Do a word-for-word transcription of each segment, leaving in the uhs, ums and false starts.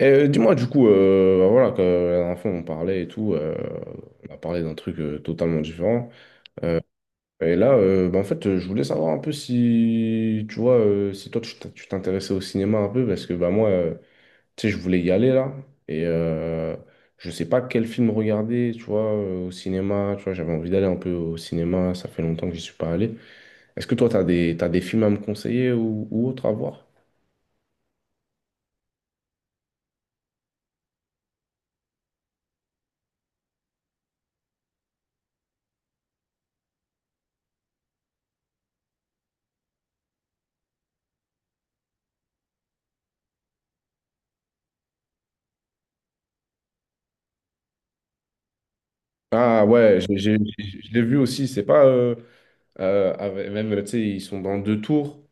Et euh, dis-moi, du coup, euh, bah, voilà, que euh, la dernière fois on parlait et tout, euh, on a parlé d'un truc euh, totalement différent. Et là, euh, bah, en fait, euh, je voulais savoir un peu si, tu vois, euh, si toi tu t'in- tu t'intéressais au cinéma un peu, parce que bah, moi, euh, tu sais, je voulais y aller là, et euh, je sais pas quel film regarder, tu vois, euh, au cinéma, tu vois, j'avais envie d'aller un peu au cinéma, ça fait longtemps que j'y suis pas allé. Est-ce que toi, t'as des, t'as des films à me conseiller ou, ou autres à voir? Ah ouais, j'ai- j'ai- j'ai- je l'ai vu aussi, c'est pas... euh, Euh, avec- même, tu sais, ils sont dans deux tours.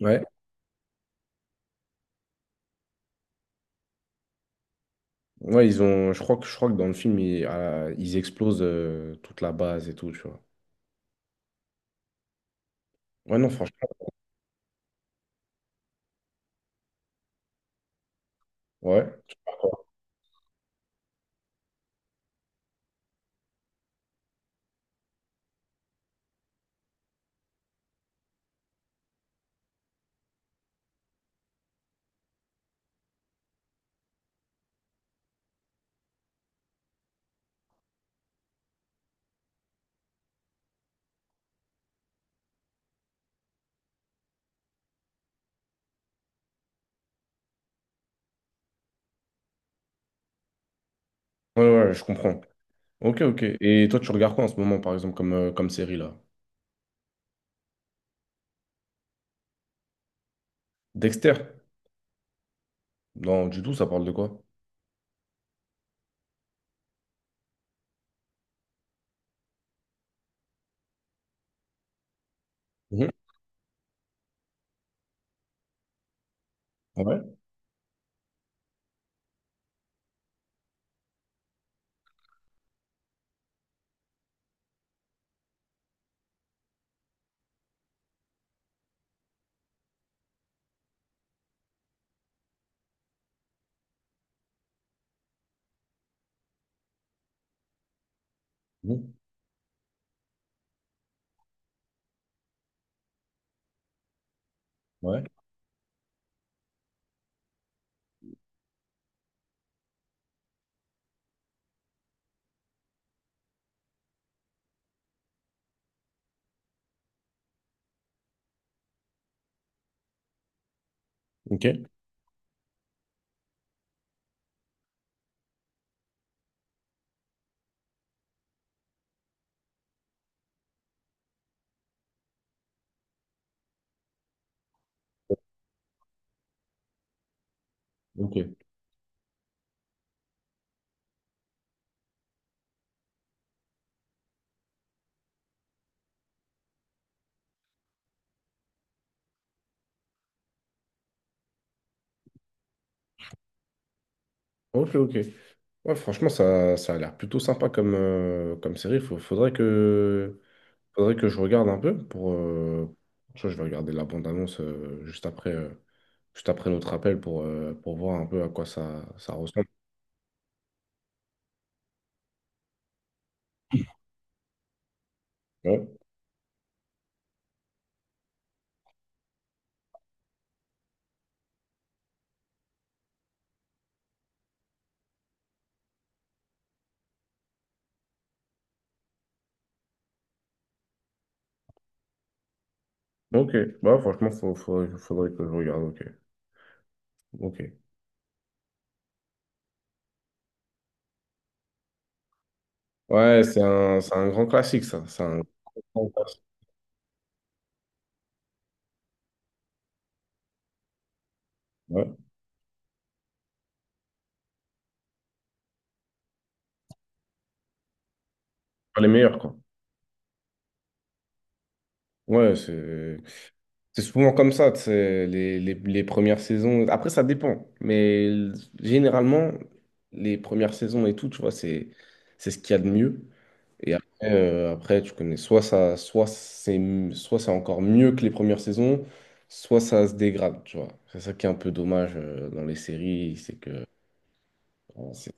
Ouais. Ouais, ils ont, je crois que, je crois que dans le film, ils, euh, ils explosent euh, toute la base et tout, tu vois. Ouais, non, franchement, ouais. Ouais, ouais, ouais, je comprends. Ok, ok. Et toi, tu regardes quoi en ce moment, par exemple, comme, euh, comme série, là? Dexter? Non, du tout, ça parle de quoi? Mhm. Ouais. Mhm. Ouais. Ok. Ok. Ok, ok. Ouais, franchement, ça, ça a l'air plutôt sympa comme, euh, comme série. Faut- faudrait que, Faudrait que je regarde un peu pour. euh, Je je vais regarder la bande-annonce euh, juste après, euh, juste après notre appel pour, euh, pour voir un peu à quoi ça, ça ressemble. Ouais. Ok, bah franchement, faut, faudrait, faudrait que je regarde. Ok, ok. Ouais, c'est un, c'est un grand classique, ça. C'est un grand classique. Ouais. Pas les meilleurs, quoi. Ouais, c'est c'est souvent comme ça, tu sais, les, les, les premières saisons. Après, ça dépend, mais l- généralement, les premières saisons et tout, tu vois, c'est c'est ce qu'il y a de mieux. Et après, euh, après, tu connais, soit ça, soit c'est, soit c'est encore mieux que les premières saisons, soit ça se dégrade, tu vois. C'est ça qui est un peu dommage euh, dans les séries, c'est que... bon, c'est-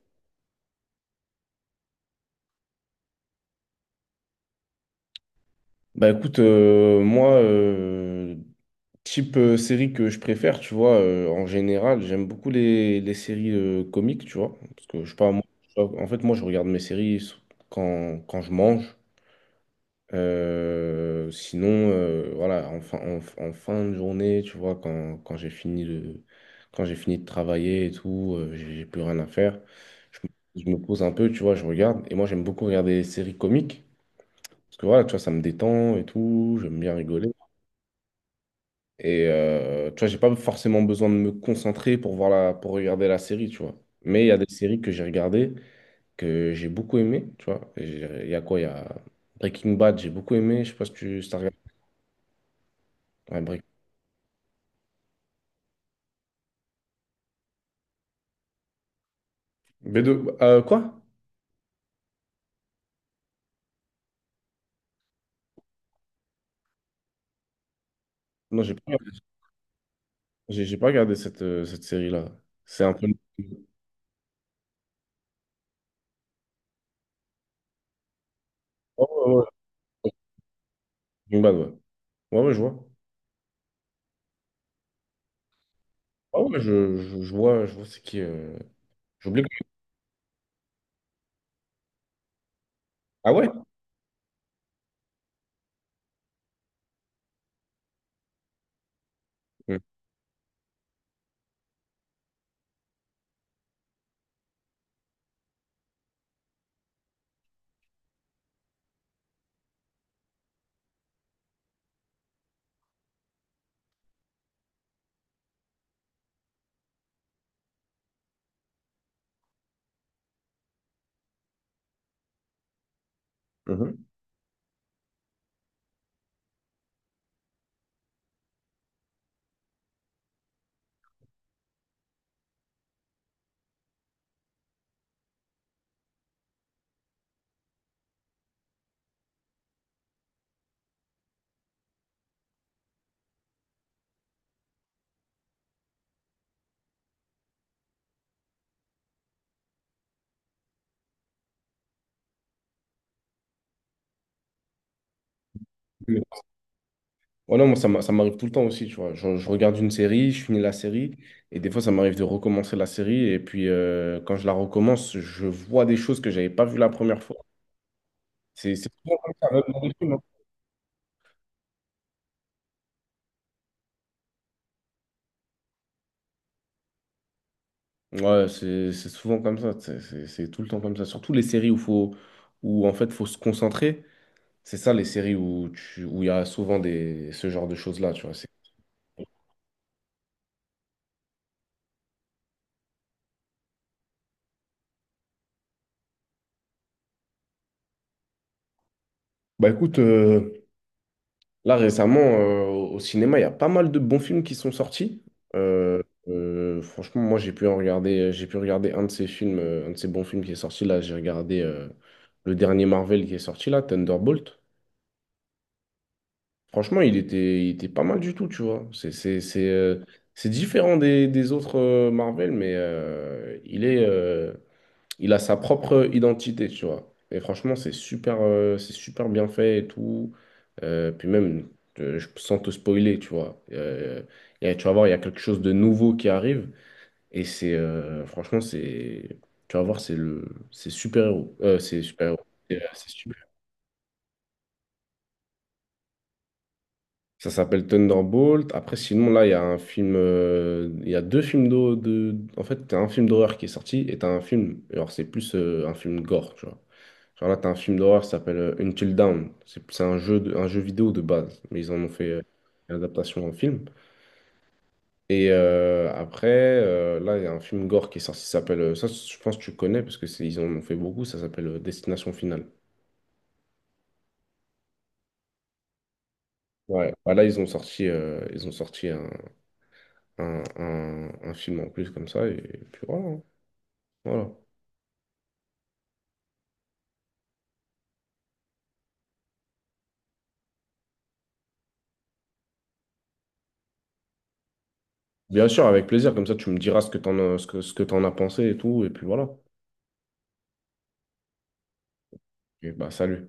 Bah écoute, euh, moi, euh, type euh, série que je préfère, tu vois, euh, en général, j'aime beaucoup les, les séries euh, comiques, tu vois. Parce que je sais pas, moi, je- en fait, moi, je regarde mes séries quand, quand je mange. Euh, sinon, euh, voilà, en fin, en, en fin de journée, tu vois, quand, quand j'ai fini de, quand j'ai fini de travailler et tout, euh, j'ai j'ai plus rien à faire. Je, me je me pose un peu, tu vois, je regarde. Et moi, j'aime beaucoup regarder des séries comiques. Parce que voilà, tu vois, ça me détend et tout, j'aime bien rigoler. Et euh, tu vois, j'ai pas forcément besoin de me concentrer pour voir la, pour regarder la série, tu vois. Mais il y a des séries que j'ai regardées, que j'ai beaucoup aimées, tu vois. Et j'ai- Il y a quoi? Il y a Breaking Bad, j'ai beaucoup aimé. Je sais pas si tu si t'as regardé. Ouais, B deux, euh, quoi? Non, j'ai pas, j'ai j'ai pas regardé cette, euh, cette série-là. C'est un peu. Oh, ouais, ouais. Breaking Bad, ouais. Ouais, ouais, je vois. Ah ouais, je, je, je vois, je vois c'est qui. euh, J'oublie. Ah ouais? Mhm. Mhm. Oh non, moi, ça m'a- ça m'arrive tout le temps aussi, tu vois. Je, je regarde une série, je finis la série, et des fois, ça m'arrive de recommencer la série, et puis euh, quand je la recommence, je vois des choses que j'avais pas vues la première fois. C'est c'est souvent comme ça, même dans les films. Ouais, c'est c'est souvent comme ça, c'est c'est- c'est tout le temps comme ça. Surtout les séries où faut où en fait faut se concentrer. C'est ça les séries où tu où il y a souvent des ce genre de choses-là, tu vois. c'est- Bah écoute, euh, là récemment euh, au cinéma, il y a pas mal de bons films qui sont sortis. Euh, euh, franchement, moi j'ai pu en regarder, j'ai pu regarder un de ces films, euh, un de ces bons films qui est sorti là. J'ai regardé euh, le dernier Marvel qui est sorti là, Thunderbolt. Franchement, il était, il était pas mal du tout, tu vois. C'est c'est- c'est, euh, c'est différent des, des autres euh, Marvel, mais euh, il est, euh, il a sa propre identité, tu vois. Et franchement, c'est super, euh, c'est super bien fait et tout. Euh, puis même, euh, je- sans te spoiler, tu vois. euh, il y a- tu vas voir, il y a quelque chose de nouveau qui arrive. Et c'est, euh, franchement, c'est, tu vas voir, c'est le, c'est super-héros. Euh, c'est super-héros. C'est euh, c'est super. Ça s'appelle Thunderbolt. Après, sinon, là, il y a un film. Euh, Il y a deux films d'hor- de. En fait, t'as un film d'horreur qui est sorti et t'as un film. Alors, c'est plus euh, un film gore, tu vois. Genre là, t'as un film d'horreur qui s'appelle euh, Until Dawn. C'est c'est un jeu, de- un jeu vidéo de base, mais ils en ont fait euh, une adaptation en film. Et euh, après, euh, là, il y a un film gore qui est sorti, ça s'appelle. Euh, Ça, je pense que tu connais parce que c'est- ils en ont fait beaucoup, ça s'appelle euh, Destination Finale. Ouais, bah là ils ont sorti, euh, ils ont sorti un, un, un- un film en plus comme ça, et puis voilà. hein. Voilà. Bien sûr, avec plaisir. Comme ça, tu me diras ce que t'en as, ce que, ce que t'en as pensé et tout. Et puis voilà. Et bah, salut.